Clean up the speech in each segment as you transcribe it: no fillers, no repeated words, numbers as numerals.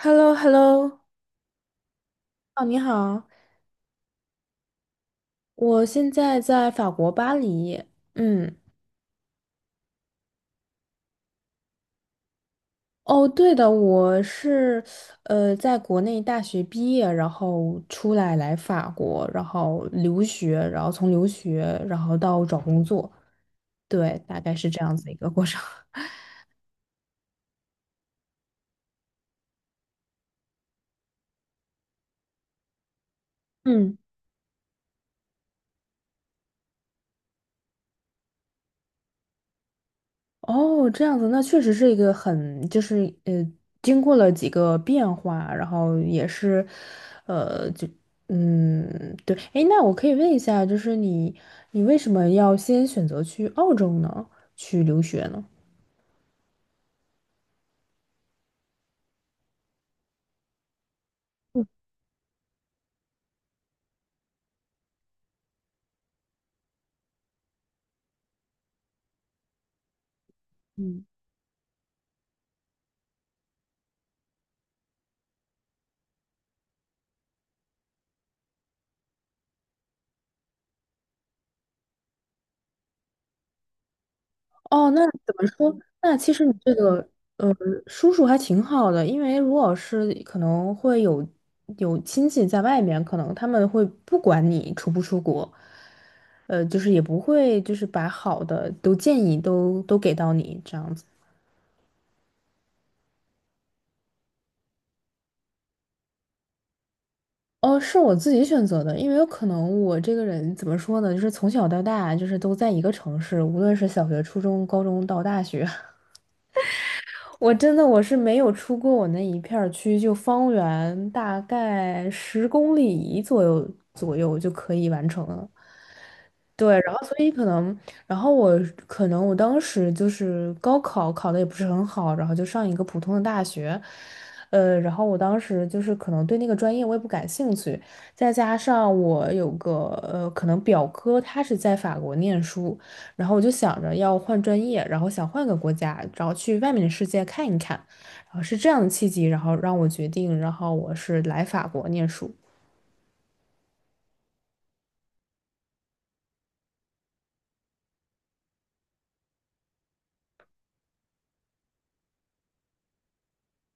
h e l l o h e l l o 哦，你好，我现在在法国巴黎。嗯。哦，对的，我是在国内大学毕业，然后出来法国，然后留学，然后到找工作。对，大概是这样子一个过程。嗯。哦，这样子，那确实是一个很，就是呃，经过了几个变化，然后也是，呃，就对。诶，那我可以问一下，就是你为什么要先选择去澳洲呢？去留学呢？嗯。哦，那怎么说？那其实你这个呃，叔叔还挺好的，因为如果是可能会有亲戚在外面，可能他们会不管你出不出国。就是也不会就是把好的都建议都给到你这样子。哦，是我自己选择的，因为有可能我这个人怎么说呢，就是从小到大就是都在一个城市，无论是小学、初中、高中到大学。我真的我是没有出过我那一片儿区，就方圆大概十公里左右就可以完成了。对，然后所以可能，然后我可能我当时就是高考考的也不是很好，然后就上一个普通的大学。然后我当时就是可能对那个专业我也不感兴趣，再加上我有个可能表哥他是在法国念书，然后我就想着要换专业，然后想换个国家，然后去外面的世界看一看，然后是这样的契机，然后让我决定，然后我是来法国念书。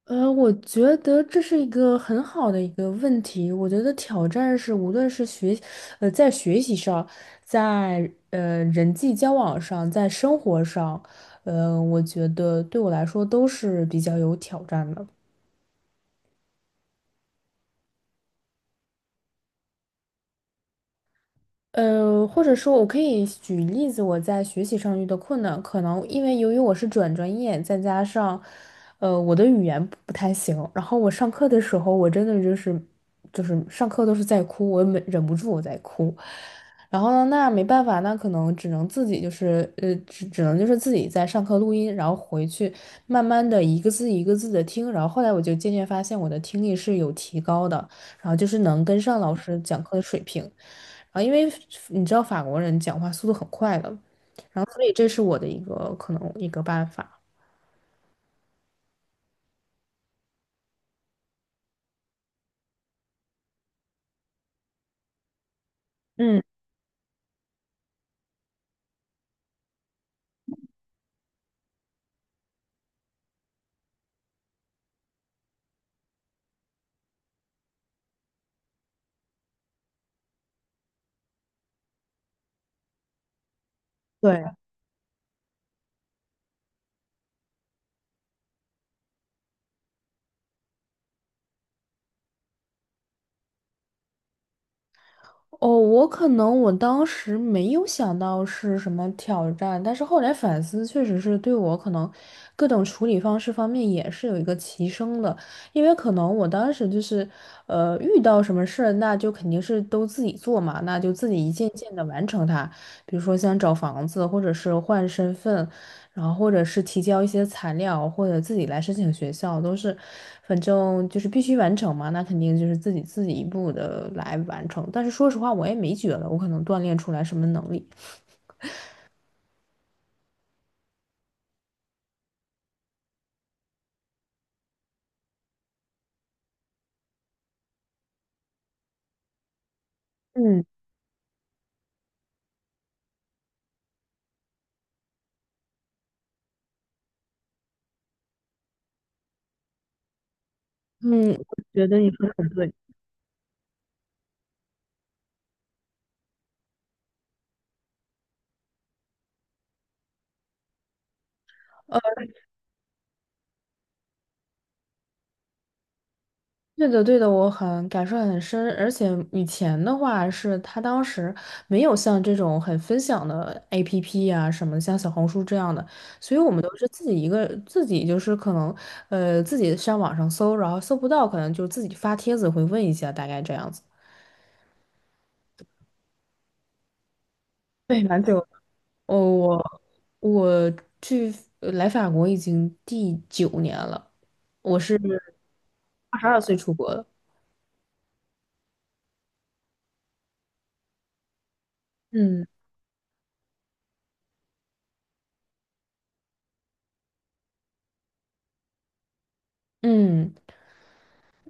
我觉得这是一个很好的一个问题。我觉得挑战是，无论是学，在学习上，在人际交往上，在生活上，我觉得对我来说都是比较有挑战的。或者说，我可以举例子，我在学习上遇到困难，可能因为由于我是转专业，再加上，我的语言不太行，然后我上课的时候，我真的就是，就是上课都是在哭，我忍不住我在哭，然后呢，那没办法，那可能只能自己就是，只能就是自己在上课录音，然后回去慢慢的一个字一个字的听，然后后来我就渐渐发现我的听力是有提高的，然后就是能跟上老师讲课的水平。啊，因为你知道法国人讲话速度很快的，然后所以这是我的一个可能一个办法。嗯。对。哦，我可能我当时没有想到是什么挑战，但是后来反思，确实是对我可能各种处理方式方面也是有一个提升的，因为可能我当时就是，遇到什么事儿，那就肯定是都自己做嘛，那就自己一件件的完成它，比如说像找房子，或者是换身份，然后或者是提交一些材料，或者自己来申请学校，都是，反正就是必须完成嘛。那肯定就是自己一步的来完成。但是说实话，我也没觉得我可能锻炼出来什么能力。嗯嗯，我觉得你说的很对。对的，对的，我很感受很深，而且以前的话是他当时没有像这种很分享的 APP 啊什么，像小红书这样的，所以我们都是自己一个自己就是可能自己上网上搜，然后搜不到，可能就自己发帖子会问一下，大概这样子。对，蛮久。哦，我去来法国已经第九年了，我是二十二岁出国的。嗯嗯。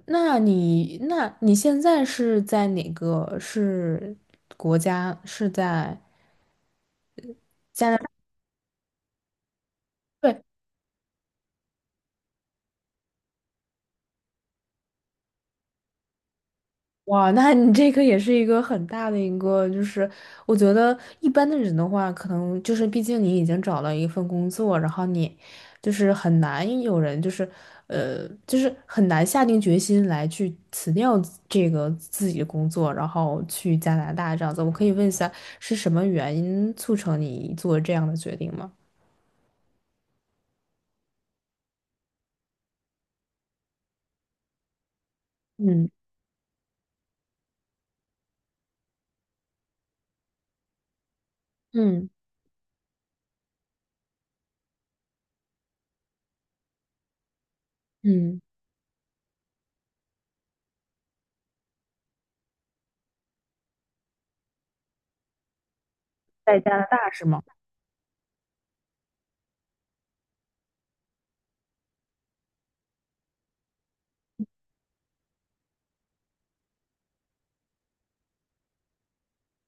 那你现在是在哪个是国家？是在？对。哇？那你这个也是一个很大的一个，就是我觉得一般的人的话，可能就是毕竟你已经找了一份工作，然后你就是很难有人就是就是很难下定决心来去辞掉这个自己的工作，然后去加拿大这样子。我可以问一下，是什么原因促成你做这样的决定吗？嗯嗯。嗯，在加拿大是吗？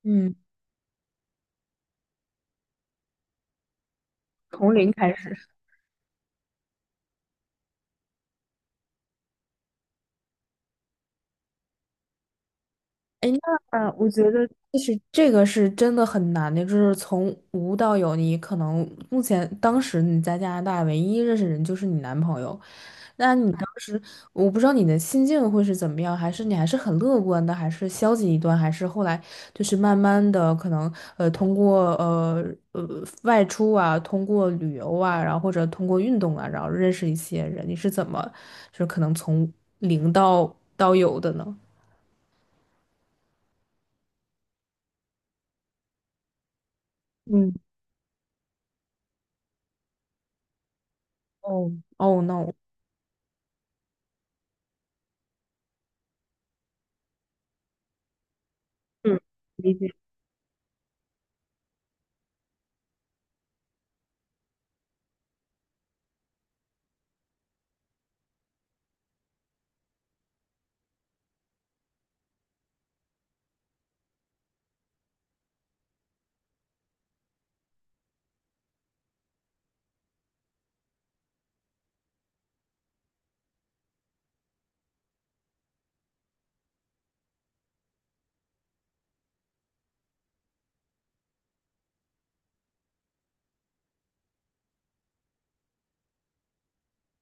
嗯，从零开始。哎，那我觉得，就是这个是真的很难的，就是从无到有，你可能目前当时你在加拿大唯一认识人就是你男朋友，那你当时，我不知道你的心境会是怎么样，还是你还是很乐观的，还是消极一段，还是后来就是慢慢的可能通过外出啊，通过旅游啊，然后或者通过运动啊，然后认识一些人，你是怎么就是可能从零到有的呢。嗯。哦。哦 no！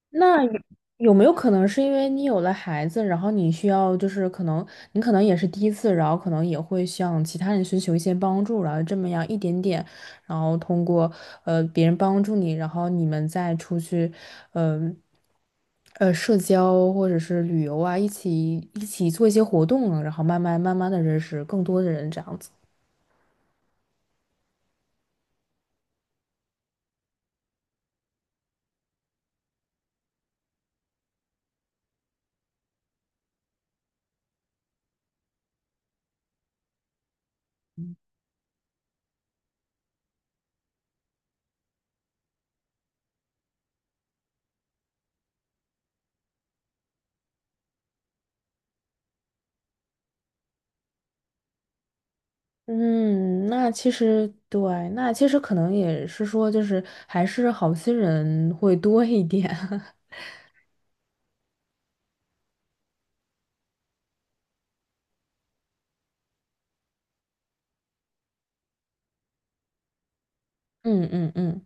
那有没有可能是因为你有了孩子，然后你需要就是可能你可能也是第一次，然后可能也会向其他人寻求一些帮助，然后这么样一点点，然后通过别人帮助你，然后你们再出去。嗯。社交或者是旅游啊，一起做一些活动啊然后慢慢的认识更多的人，这样子。嗯，那其实对，那其实可能也是说，就是还是好心人会多一点。嗯嗯嗯。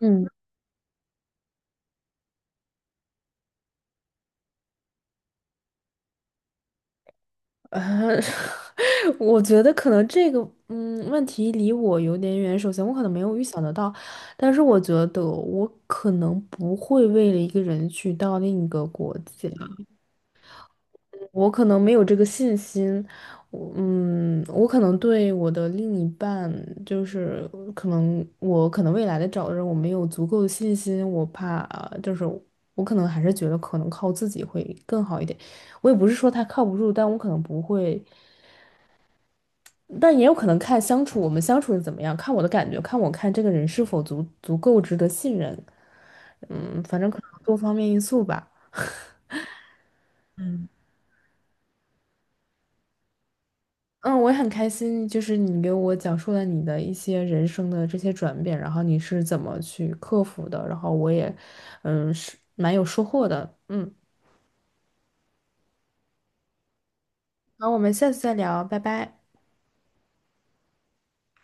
嗯，呃，我觉得可能这个问题离我有点远。首先，我可能没有预想得到，但是我觉得我可能不会为了一个人去到另一个国家。我可能没有这个信心。我可能对我的另一半，就是可能我可能未来的找的人，我没有足够的信心，我怕就是我可能还是觉得可能靠自己会更好一点。我也不是说他靠不住，但我可能不会，但也有可能看相处我们相处的怎么样，看我的感觉，看我看这个人是否足够值得信任。嗯，反正可能多方面因素吧。嗯，我也很开心，就是你给我讲述了你的一些人生的这些转变，然后你是怎么去克服的，然后我也，嗯，是蛮有收获的。嗯，好，我们下次再聊，拜拜。